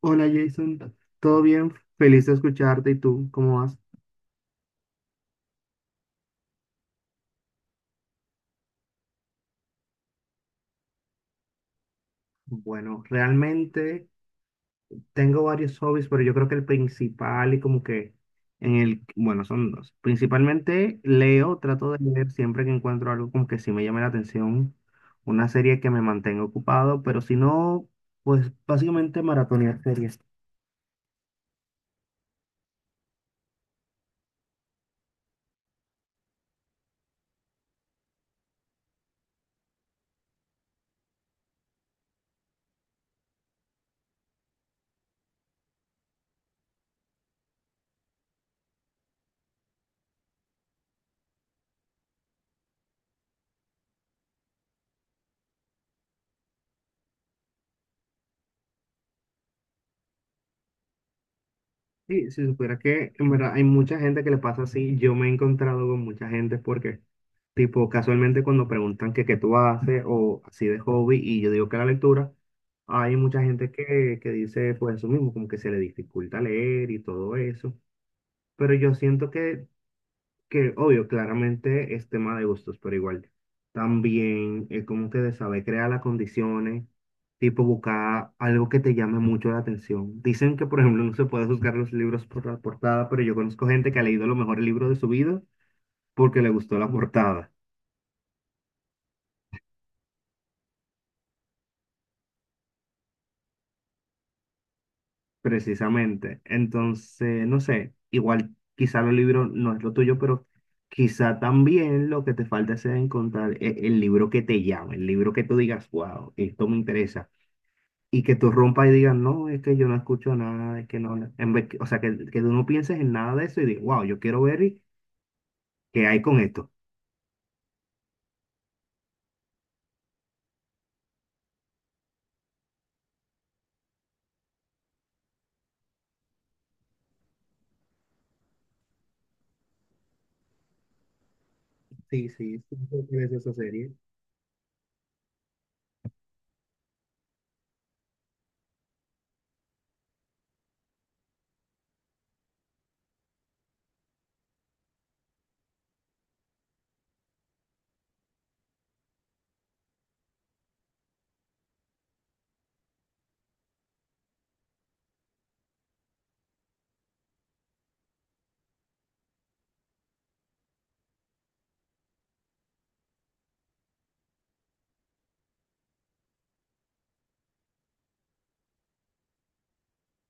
Hola Jason, ¿todo bien? Feliz de escucharte. ¿Y tú? ¿Cómo vas? Bueno, realmente tengo varios hobbies, pero yo creo que el principal y como que bueno, son dos. Principalmente leo, trato de leer siempre que encuentro algo como que sí me llame la atención, una serie que me mantenga ocupado, pero si no, pues básicamente maratonear series. Sí, si supiera que en verdad hay mucha gente que le pasa así, yo me he encontrado con mucha gente porque tipo, casualmente cuando preguntan que qué tú haces o así de hobby y yo digo que la lectura, hay mucha gente que dice pues eso mismo, como que se le dificulta leer y todo eso. Pero yo siento que obvio, claramente es tema de gustos, pero igual también es como que de saber crear las condiciones, tipo buscar algo que te llame mucho la atención. Dicen que, por ejemplo, no se puede juzgar los libros por la portada, pero yo conozco gente que ha leído a lo mejor el libro de su vida porque le gustó la portada. Precisamente. Entonces, no sé, igual quizá los libros no es lo tuyo, pero quizá también lo que te falta es encontrar el libro que te llame, el libro que tú digas, wow, esto me interesa. Y que tú rompas y digas, no, es que yo no escucho nada, es que no, no". O sea, que tú no pienses en nada de eso y digas, wow, yo quiero ver qué hay con esto. Sí, sí, sí, sí, sí, esa serie.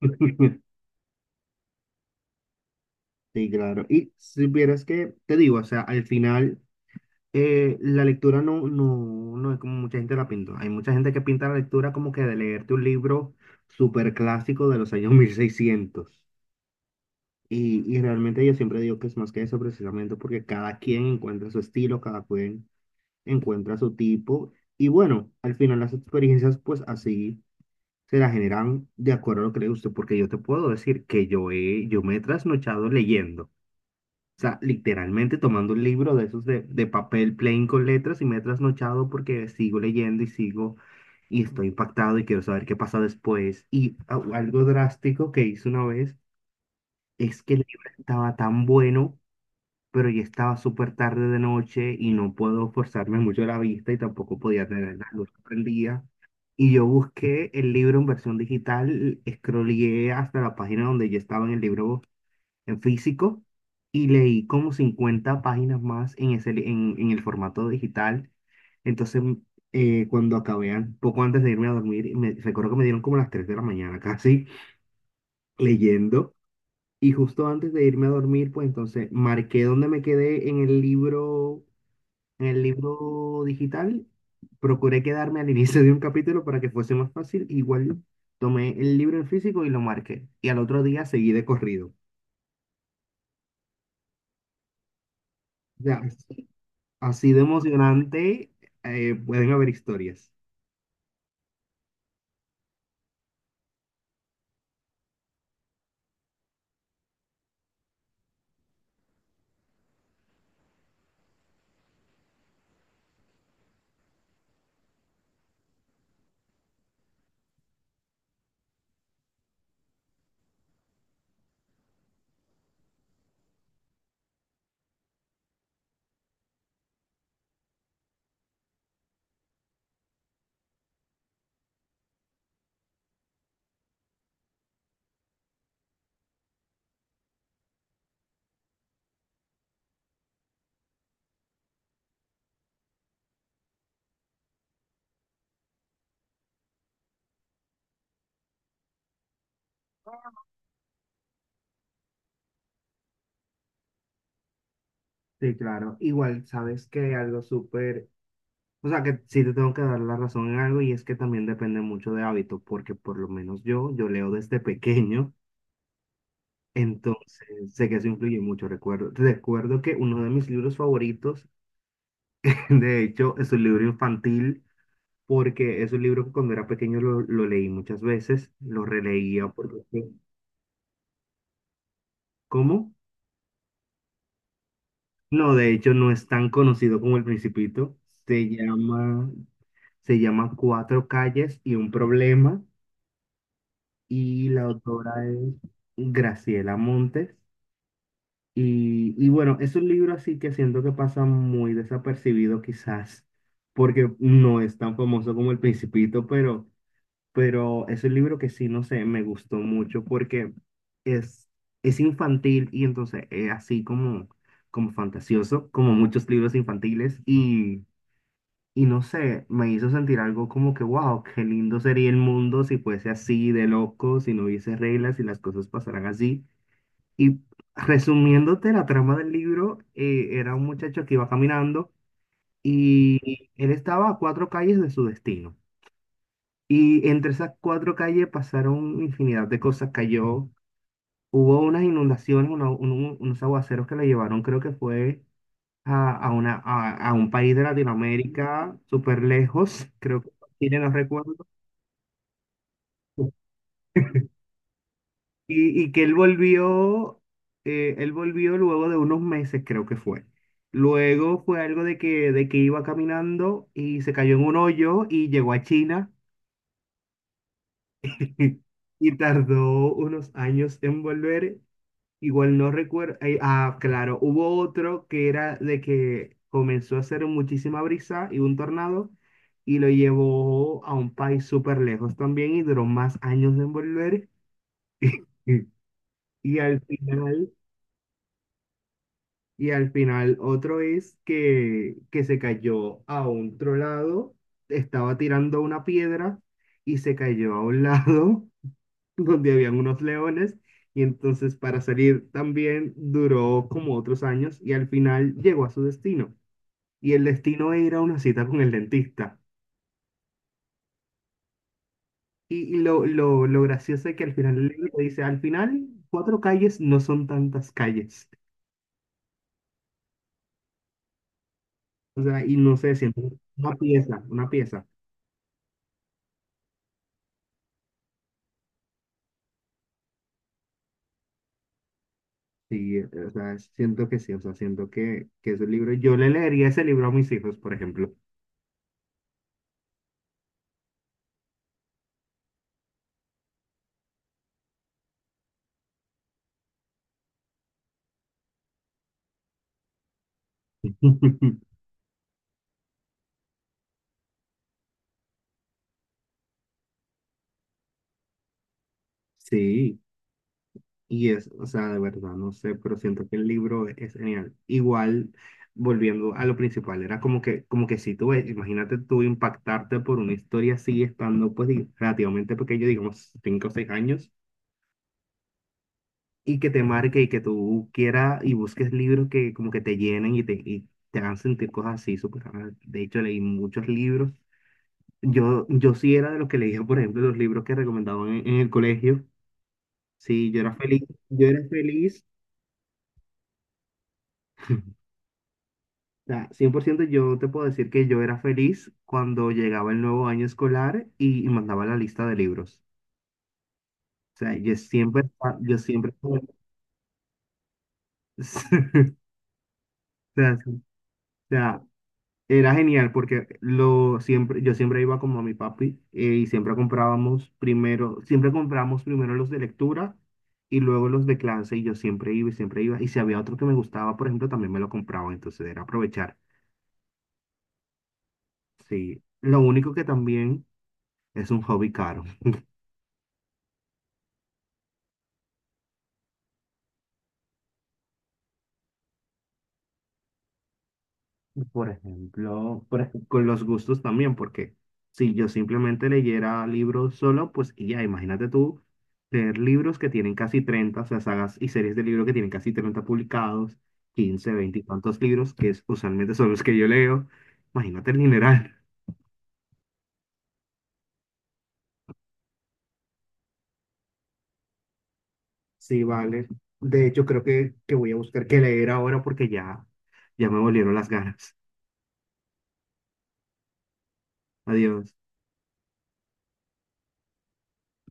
Sí, claro. Y si vieras que, te digo, o sea, al final, la lectura no, no, no es como mucha gente la pinta. Hay mucha gente que pinta la lectura como que de leerte un libro súper clásico de los años 1600. Y realmente yo siempre digo que es más que eso precisamente porque cada quien encuentra su estilo, cada quien encuentra su tipo. Y bueno, al final las experiencias pues así se las generan de acuerdo a lo que le guste, porque yo te puedo decir que yo me he trasnochado leyendo. O sea, literalmente tomando un libro de esos de papel plain con letras y me he trasnochado porque sigo leyendo y sigo y estoy impactado y quiero saber qué pasa después. Y algo drástico que hice una vez es que el libro estaba tan bueno, pero ya estaba súper tarde de noche y no puedo forzarme mucho la vista y tampoco podía tener la luz prendida. Y yo busqué el libro en versión digital, scrolleé hasta la página donde yo estaba en el libro en físico y leí como 50 páginas más en, ese, li- en el formato digital. Entonces, cuando acabé, poco antes de irme a dormir, recuerdo que me dieron como las 3 de la mañana casi leyendo. Y justo antes de irme a dormir, pues entonces marqué dónde me quedé en el libro digital. Procuré quedarme al inicio de un capítulo para que fuese más fácil. Igual tomé el libro en físico y lo marqué. Y al otro día seguí de corrido. Ya. Así de emocionante, pueden haber historias. Sí, claro. Igual, sabes que algo súper, o sea, que sí te tengo que dar la razón en algo y es que también depende mucho de hábitos, porque por lo menos yo, yo leo desde pequeño, entonces sé que eso influye mucho. Recuerdo que uno de mis libros favoritos, de hecho, es un libro infantil, porque es un libro que cuando era pequeño lo leí muchas veces, lo releía, porque, ¿cómo? No, de hecho no es tan conocido como El Principito. Se llama, se llama Cuatro calles y un problema. Y la autora es Graciela Montes. Y bueno, es un libro así que siento que pasa muy desapercibido quizás, porque no es tan famoso como El Principito, pero es un libro que sí, no sé, me gustó mucho porque es, es infantil y entonces es así como, como fantasioso, como muchos libros infantiles y no sé, me hizo sentir algo como que, wow, qué lindo sería el mundo si fuese así de loco, si no hubiese reglas y las cosas pasaran así. Y resumiéndote la trama del libro, era un muchacho que iba caminando y él estaba a cuatro calles de su destino. Y entre esas cuatro calles pasaron infinidad de cosas. Cayó, hubo unas inundaciones, unos aguaceros que la llevaron, creo que fue a un país de Latinoamérica súper lejos, creo que fue Chile, no recuerdo. Y que él volvió luego de unos meses, creo que fue. Luego fue algo de que iba caminando y se cayó en un hoyo y llegó a China y tardó unos años en volver. Igual no recuerdo. Ah, claro, hubo otro que era de que comenzó a hacer muchísima brisa y un tornado y lo llevó a un país súper lejos también y duró más años de volver. Mm. Y al final, y al final otro es que se cayó a otro lado, estaba tirando una piedra y se cayó a un lado donde habían unos leones y entonces para salir también duró como otros años y al final llegó a su destino. Y el destino era una cita con el dentista. Y lo gracioso es que al final el libro dice, al final cuatro calles no son tantas calles. O sea, y no sé, siento una pieza, una pieza. Sí, o sea, siento que sí, o sea, siento que ese libro, yo le leería ese libro a mis hijos, por ejemplo. Sí. Y es, o sea, de verdad, no sé, pero siento que el libro es genial. Igual, volviendo a lo principal, era como que si tú, ves, imagínate tú impactarte por una historia así, estando pues relativamente pequeño, digamos, 5 o 6 años, y que te marque y que tú quieras y busques libros que como que te llenen y y te hagan sentir cosas así, súper raras. De hecho, leí muchos libros. Yo sí era de los que leía, por ejemplo, los libros que recomendaban en el colegio. Sí, yo era feliz, yo era feliz. Sea, 100% yo te puedo decir que yo era feliz cuando llegaba el nuevo año escolar y mandaba la lista de libros. O sea, yo siempre, yo siempre, o sea, sí, o sea, era genial porque yo siempre iba como a mi papi, y siempre comprábamos primero los de lectura y luego los de clase y yo siempre iba. Y si había otro que me gustaba, por ejemplo, también me lo compraba, entonces era aprovechar. Sí, lo único que también es un hobby caro. Por ejemplo, con los gustos también, porque si yo simplemente leyera libros solo, pues y ya, imagínate tú leer libros que tienen casi 30, o sea, sagas y series de libros que tienen casi 30 publicados, 15, 20 y tantos libros, que es, usualmente son los que yo leo. Imagínate el dineral. Sí, vale. De hecho, creo que voy a buscar qué leer ahora porque ya, ya me volvieron las ganas. Adiós.